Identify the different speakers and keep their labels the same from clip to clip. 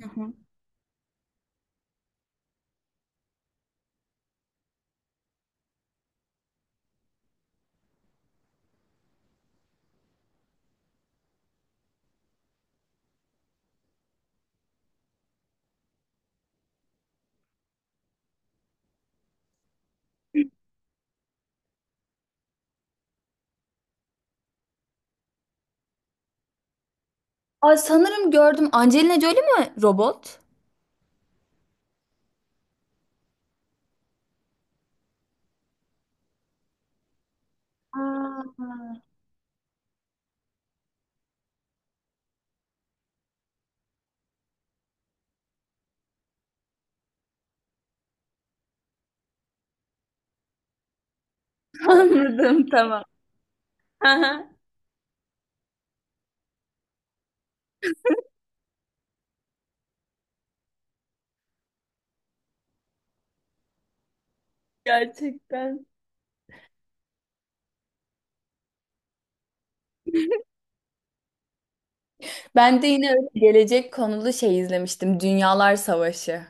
Speaker 1: Hı hı. Ay sanırım gördüm. Angelina Jolie mi robot? Aa. Anladım, tamam. Aha. Gerçekten. Ben de yine öyle gelecek konulu şey izlemiştim. Dünyalar Savaşı.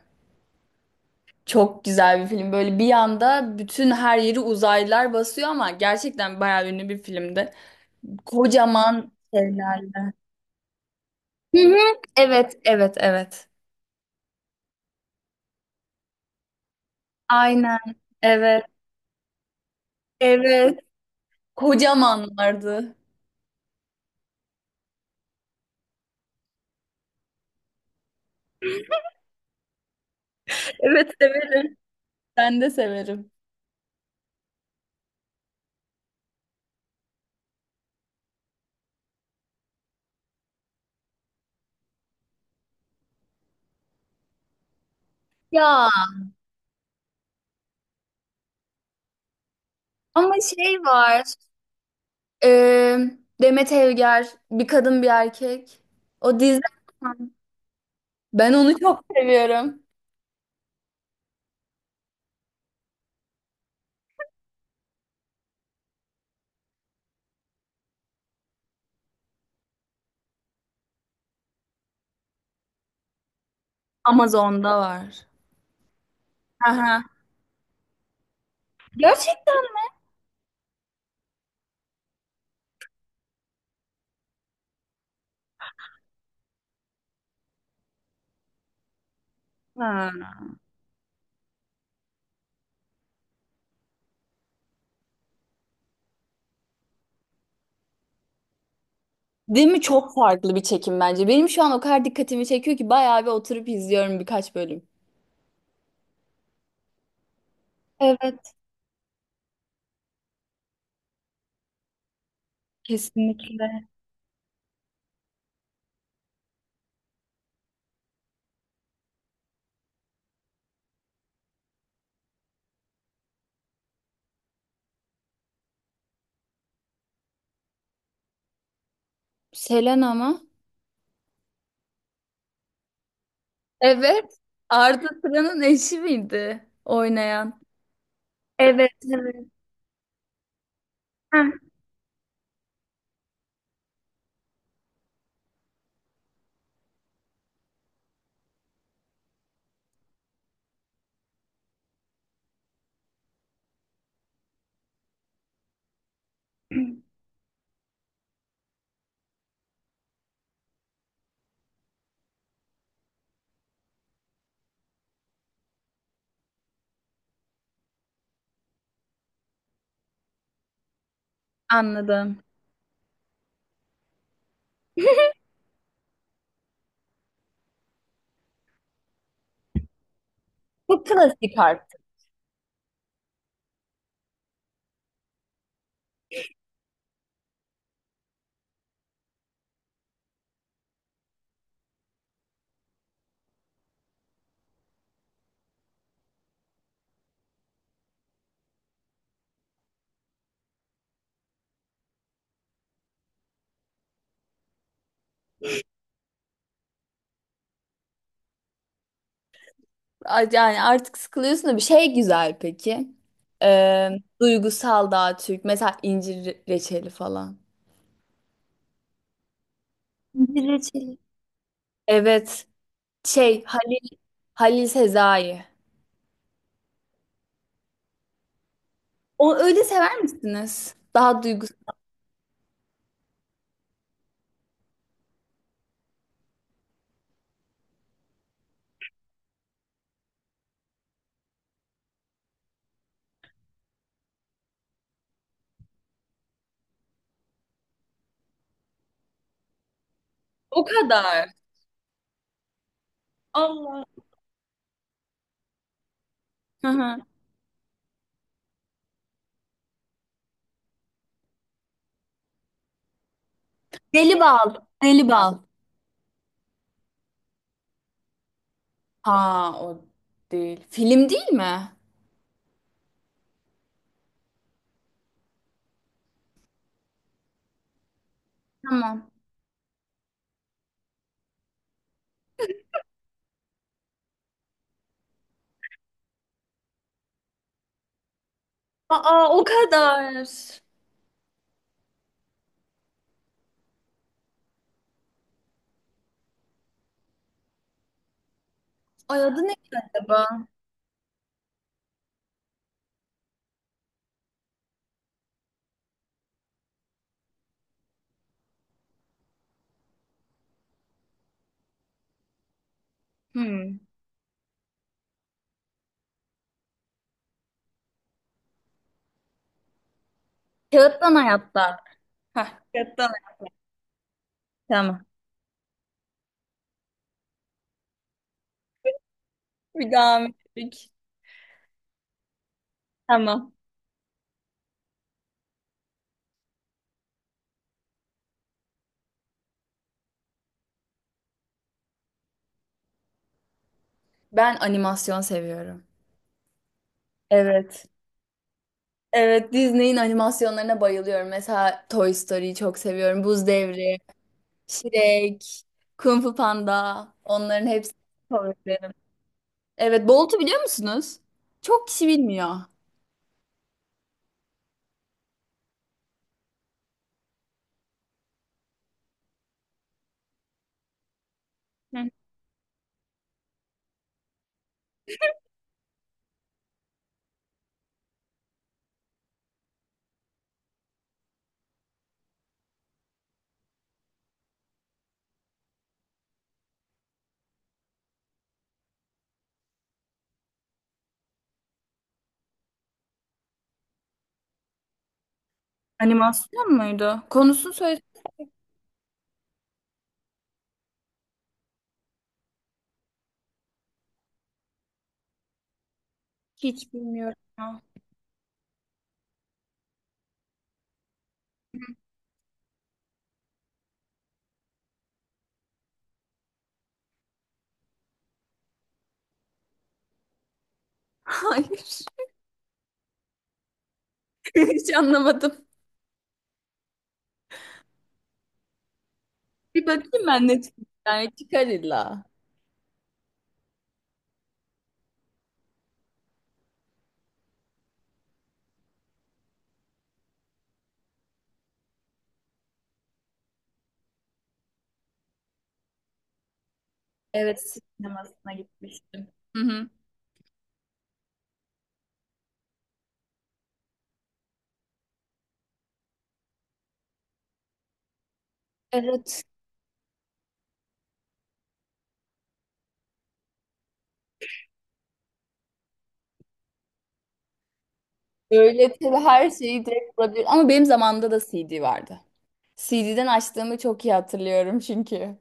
Speaker 1: Çok güzel bir film. Böyle bir anda bütün her yeri uzaylılar basıyor, ama gerçekten bayağı ünlü bir filmdi. Kocaman şeyler. Hı hı. Evet, evet, evet. Aynen. Evet. Evet. Kocamanlardı. Evet, severim. Ben de severim. Ya ama şey var. e, Demet Evgar, bir kadın bir erkek. O dizi. Ben onu çok seviyorum. Amazon'da var. Aha. Gerçekten mi? Değil mi? Çok farklı bir çekim bence. Benim şu an o kadar dikkatimi çekiyor ki bayağı bir oturup izliyorum birkaç bölüm. Evet, kesinlikle. Selena mı? Evet. Arda Turan'ın eşi miydi oynayan? Evet, evet. Heh. Anladım. Çok klasik artık. A- Yani artık sıkılıyorsun da bir şey güzel peki. Ee, duygusal daha Türk. Mesela reçeli falan. İncir reçeli. Evet. Şey Halil, Halil Sezai. O öyle sever misiniz? Daha duygusal. O kadar. Allah. Hı hı. Deli bal. Deli bal. Ha, o değil. Film değil mi? Tamam. Aa, o kadar. Ay adı ne acaba? Hmm. Kağıttan hayatlar. Heh, kağıttan hayatlar. Tamam. Bir daha mı ettik? Tamam. Ben animasyon seviyorum. Evet. Evet, Disney'in animasyonlarına bayılıyorum. Mesela Toy Story'yi çok seviyorum. Buz Devri, Shrek, Kung Fu Panda. Onların hepsi favorilerim. Evet, Bolt'u biliyor musunuz? Çok kişi bilmiyor. Hı. Animasyon muydu? Konusunu söyle. Hiç bilmiyorum ya. Hayır. Hiç anlamadım. Bir bakayım ben Netflix'ten. Ya, çıkar illa. Evet, sinemasına gitmiştim. Hı hı. Evet. Öğretili her şeyi direkt bulabilir. Ama benim zamanımda da CD vardı. CD'den açtığımı çok iyi hatırlıyorum çünkü.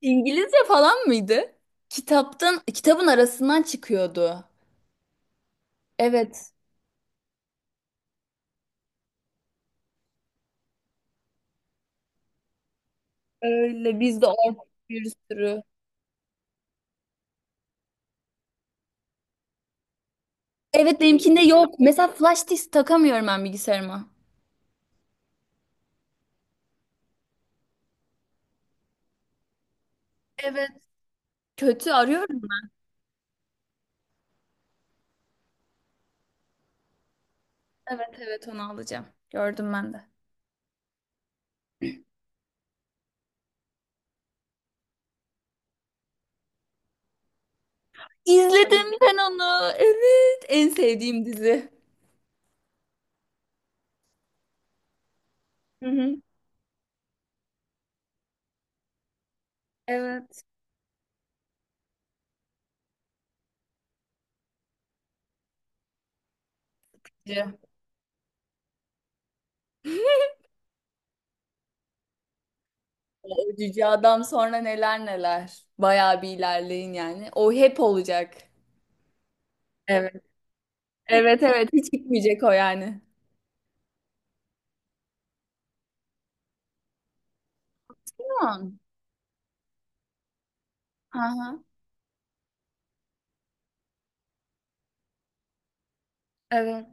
Speaker 1: İngilizce falan mıydı? Kitaptan, kitabın arasından çıkıyordu. Evet. Öyle biz de orada bir sürü. Evet, benimkinde yok. Mesela flash disk takamıyorum ben bilgisayarıma. Evet. Kötü arıyorum. Evet, evet, onu alacağım. Gördüm ben de. İzledim ben onu. Evet. En sevdiğim dizi. Hı hı. Evet. Cü. O cüce adam sonra neler neler. Bayağı bir ilerleyin yani. O hep olacak. Evet. Evet, evet. Hiç gitmeyecek o yani. Tamam. Aha. Evet.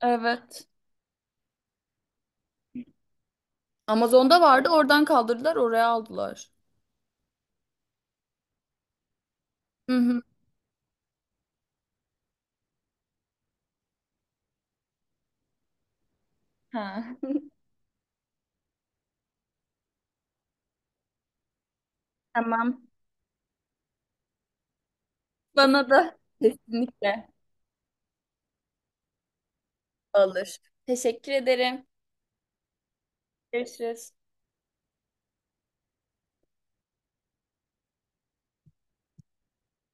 Speaker 1: Evet. Amazon'da vardı. Oradan kaldırdılar. Oraya aldılar. Hı hı. Ha. Tamam. Bana da kesinlikle alır. Teşekkür ederim. Görüşürüz.